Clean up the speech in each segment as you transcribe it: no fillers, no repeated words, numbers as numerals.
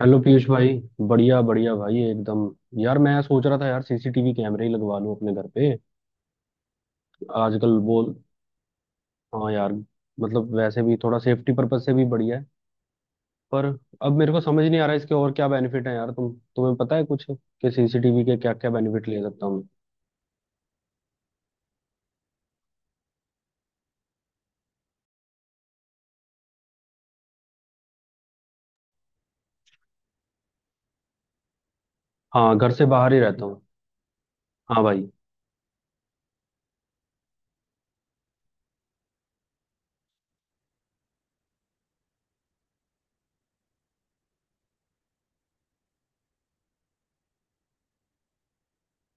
Hello Piyush भाई। बढ़िया बढ़िया भाई एकदम। यार मैं सोच रहा था यार, सीसीटीवी कैमरे ही लगवा लूं अपने घर पे। आजकल बोल। हाँ यार। मतलब वैसे भी थोड़ा सेफ्टी पर्पज से भी बढ़िया है। पर अब मेरे को समझ नहीं आ रहा इसके और क्या बेनिफिट है यार, तुम्हें पता है कुछ कि सीसीटीवी के क्या क्या बेनिफिट ले सकता हूँ। हाँ, घर से बाहर ही रहता हूँ। हाँ भाई।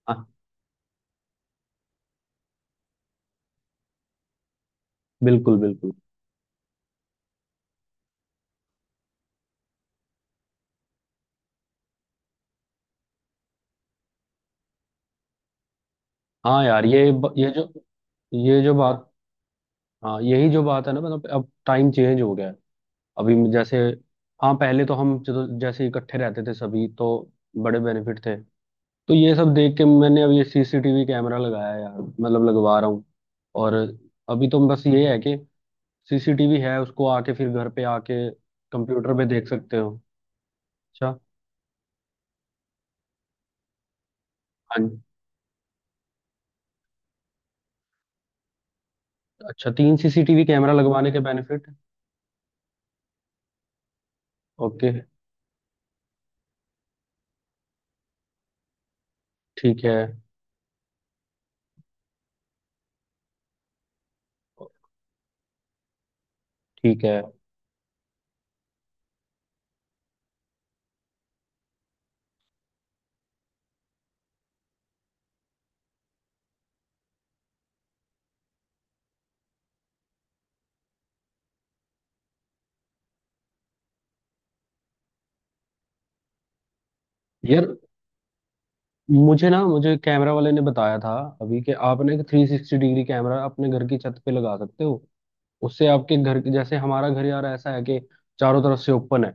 हाँ। बिल्कुल बिल्कुल। हाँ यार, ये जो बात। हाँ, यही जो बात है ना, मतलब अब टाइम चेंज हो गया है। जैसे, हाँ पहले तो हम जैसे इकट्ठे रहते थे सभी तो बड़े बेनिफिट थे। तो ये सब देख के मैंने अब ये सीसीटीवी कैमरा लगाया यार, मतलब लगवा रहा हूँ। और अभी तो बस ये है कि सीसीटीवी है, उसको आके फिर घर पे आके कंप्यूटर पे देख सकते हो। अच्छा। हाँ जी। अच्छा, तीन सीसीटीवी कैमरा लगवाने के बेनिफिट। ओके। ठीक है। ठीक है। यार मुझे ना, मुझे कैमरा वाले ने बताया था अभी कि आप ना एक 360 डिग्री कैमरा अपने घर की छत पे लगा सकते हो। उससे आपके घर के, जैसे हमारा घर यार ऐसा है कि चारों तरफ से ओपन है।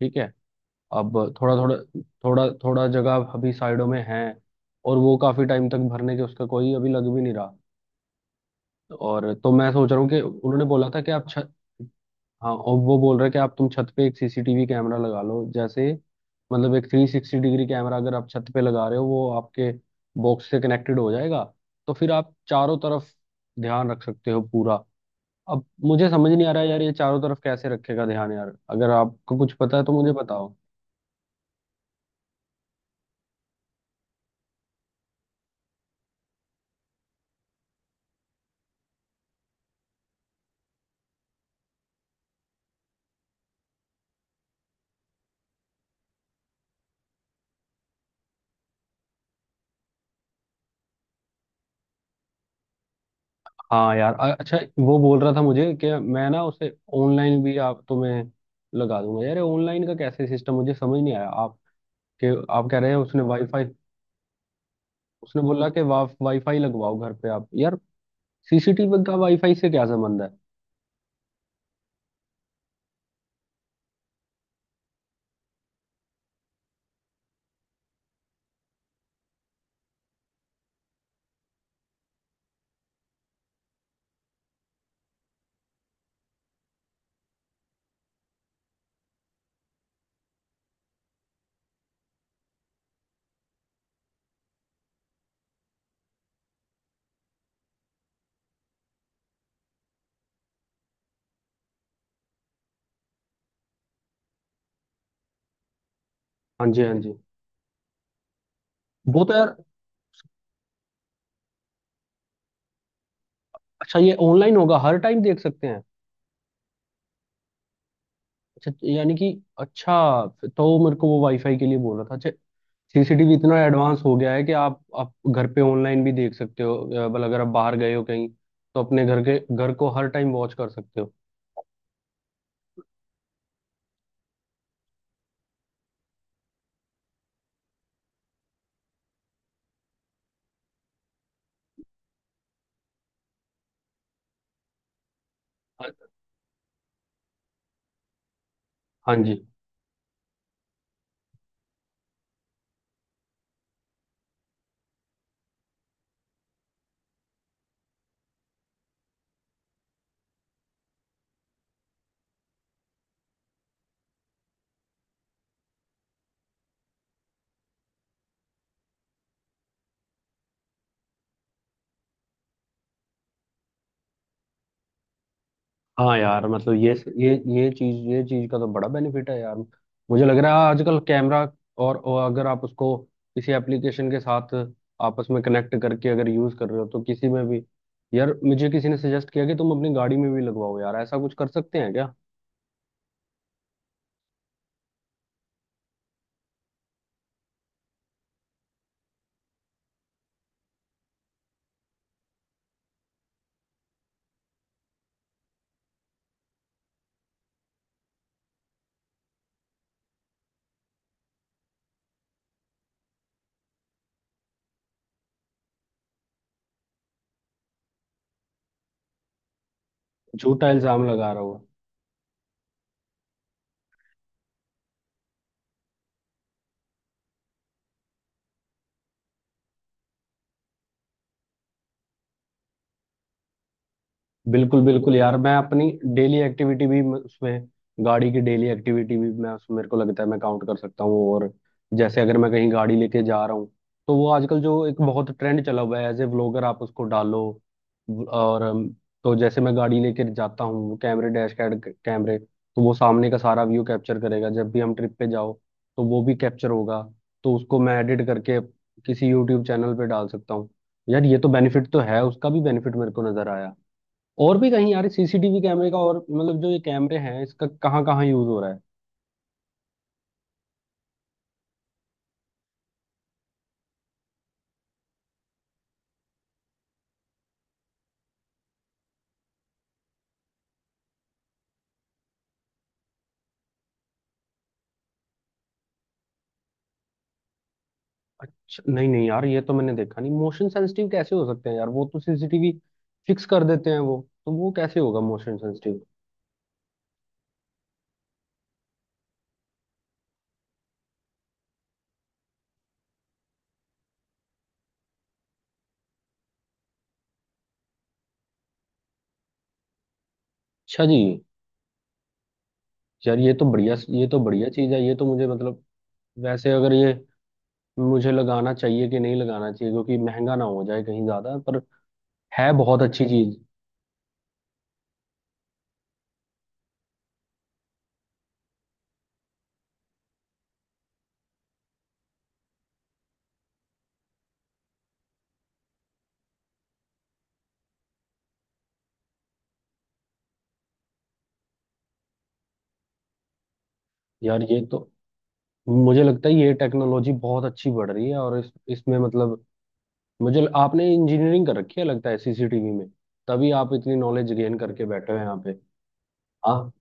ठीक है। अब थोड़ा थोड़ा जगह अभी साइडों में है, और वो काफी टाइम तक भरने के उसका कोई अभी लग भी नहीं रहा। और तो मैं सोच रहा हूँ कि उन्होंने बोला था कि आप छत, हाँ और वो बोल रहे हैं कि आप तुम छत पे एक सीसीटीवी कैमरा लगा लो, जैसे मतलब एक 360 डिग्री कैमरा अगर आप छत पे लगा रहे हो वो आपके बॉक्स से कनेक्टेड हो जाएगा, तो फिर आप चारों तरफ ध्यान रख सकते हो पूरा। अब मुझे समझ नहीं आ रहा है यार, ये चारों तरफ कैसे रखेगा ध्यान, यार अगर आपको कुछ पता है तो मुझे बताओ। हाँ यार, अच्छा। वो बोल रहा था मुझे कि मैं ना उसे ऑनलाइन भी आप तुम्हें लगा दूंगा यार, ऑनलाइन का कैसे सिस्टम मुझे समझ नहीं आया। के आप कह रहे हैं उसने वाईफाई। उसने बोला कि वाईफाई लगवाओ घर पे आप, यार सीसीटीवी का वाईफाई से क्या संबंध है। हाँ जी, हाँ जी। वो तो यार, अच्छा ये ऑनलाइन होगा, हर टाइम देख सकते हैं। अच्छा यानी कि, अच्छा, तो मेरे को वो वाईफाई के लिए बोल रहा था, अच्छा। सीसीटीवी इतना एडवांस हो गया है कि आप घर पे ऑनलाइन भी देख सकते हो, मतलब अगर आप बाहर गए हो कहीं तो अपने घर को हर टाइम वॉच कर सकते हो। हाँ। हाँ जी। हाँ यार मतलब ये, ये चीज का तो बड़ा बेनिफिट है यार, मुझे लग रहा है आजकल कैमरा। और अगर आप उसको किसी एप्लीकेशन के साथ आपस में कनेक्ट करके अगर यूज कर रहे हो तो किसी में भी, यार मुझे किसी ने सजेस्ट किया कि तुम अपनी गाड़ी में भी लगवाओ यार, ऐसा कुछ कर सकते हैं क्या। झूठा इल्जाम लगा रहा हूँ। बिल्कुल बिल्कुल यार, मैं अपनी डेली एक्टिविटी भी उसमें गाड़ी की डेली एक्टिविटी भी मैं उसमें, मेरे को लगता है मैं काउंट कर सकता हूँ। और जैसे अगर मैं कहीं गाड़ी लेके जा रहा हूँ तो वो आजकल जो एक बहुत ट्रेंड चला हुआ है एज ए व्लॉगर, आप उसको डालो। और तो जैसे मैं गाड़ी लेके जाता हूँ कैमरे, डैश कैड कैमरे तो वो सामने का सारा व्यू कैप्चर करेगा, जब भी हम ट्रिप पे जाओ तो वो भी कैप्चर होगा, तो उसको मैं एडिट करके किसी यूट्यूब चैनल पे डाल सकता हूँ। यार ये तो बेनिफिट तो है, उसका भी बेनिफिट मेरे को नजर आया। और भी कहीं यार सीसीटीवी कैमरे का, और मतलब जो ये कैमरे हैं इसका कहाँ कहाँ यूज हो रहा है। अच्छा नहीं नहीं यार, ये तो मैंने देखा नहीं, मोशन सेंसिटिव कैसे हो सकते हैं यार, वो तो सीसीटीवी फिक्स कर देते हैं वो, तो वो कैसे होगा मोशन सेंसिटिव। अच्छा जी। यार, ये तो बढ़िया चीज है, ये तो मुझे मतलब, वैसे अगर ये मुझे लगाना चाहिए कि नहीं लगाना चाहिए क्योंकि महंगा ना हो जाए कहीं ज्यादा, पर है बहुत अच्छी चीज। यार ये तो मुझे लगता है ये टेक्नोलॉजी बहुत अच्छी बढ़ रही है, और इस इसमें मतलब, मुझे आपने इंजीनियरिंग कर रखी है लगता है सीसीटीवी में, तभी आप इतनी नॉलेज गेन करके बैठे हो यहाँ पे। हाँ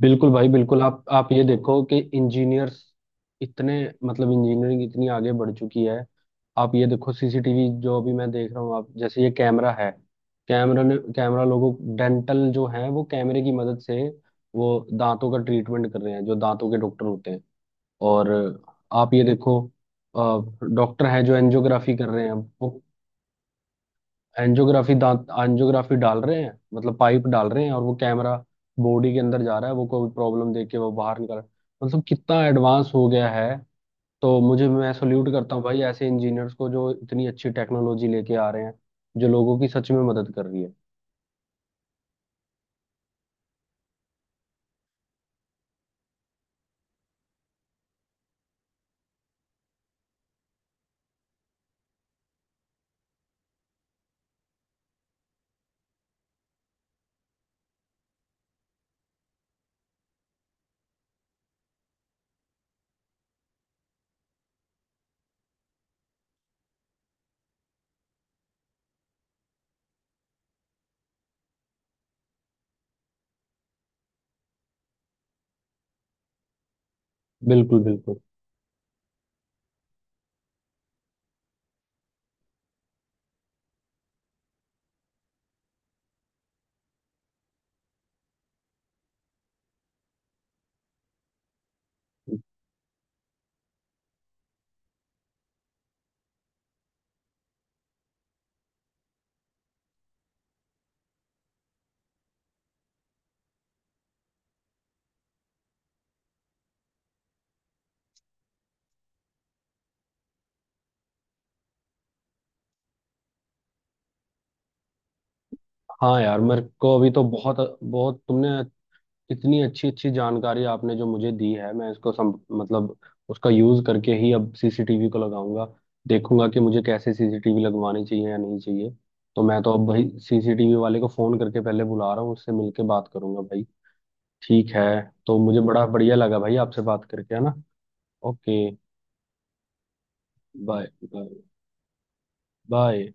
बिल्कुल भाई बिल्कुल, आप ये देखो कि इंजीनियर्स इतने, मतलब इंजीनियरिंग इतनी आगे बढ़ चुकी है। आप ये देखो सीसीटीवी जो अभी मैं देख रहा हूँ, आप जैसे ये कैमरा है, कैमरा ने कैमरा लोगों डेंटल जो है वो कैमरे की मदद से वो दांतों का ट्रीटमेंट कर रहे हैं, जो दांतों के डॉक्टर होते हैं। और आप ये देखो, डॉक्टर हैं जो एंजियोग्राफी कर रहे हैं, वो एंजियोग्राफी दांत एंजियोग्राफी डाल रहे हैं, मतलब पाइप डाल रहे हैं, और वो कैमरा बॉडी के अंदर जा रहा है वो कोई प्रॉब्लम देख के वो बाहर निकल रहा है। मतलब कितना एडवांस हो गया है। तो मुझे मैं सल्यूट करता हूँ भाई ऐसे इंजीनियर्स को जो इतनी अच्छी टेक्नोलॉजी लेके आ रहे हैं, जो लोगों की सच में मदद कर रही है। बिल्कुल बिल्कुल। हाँ यार, मेरे को अभी तो बहुत बहुत तुमने इतनी अच्छी अच्छी जानकारी आपने जो मुझे दी है, मैं इसको मतलब उसका यूज करके ही अब सीसीटीवी को लगाऊंगा। देखूंगा कि मुझे कैसे सीसीटीवी लगवानी चाहिए या नहीं चाहिए। तो मैं तो अब भाई सीसीटीवी वाले को फोन करके पहले बुला रहा हूँ, उससे मिलके बात करूंगा भाई। ठीक है। तो मुझे बड़ा बढ़िया लगा भाई आपसे बात करके, है ना। ओके। Bye bye bye.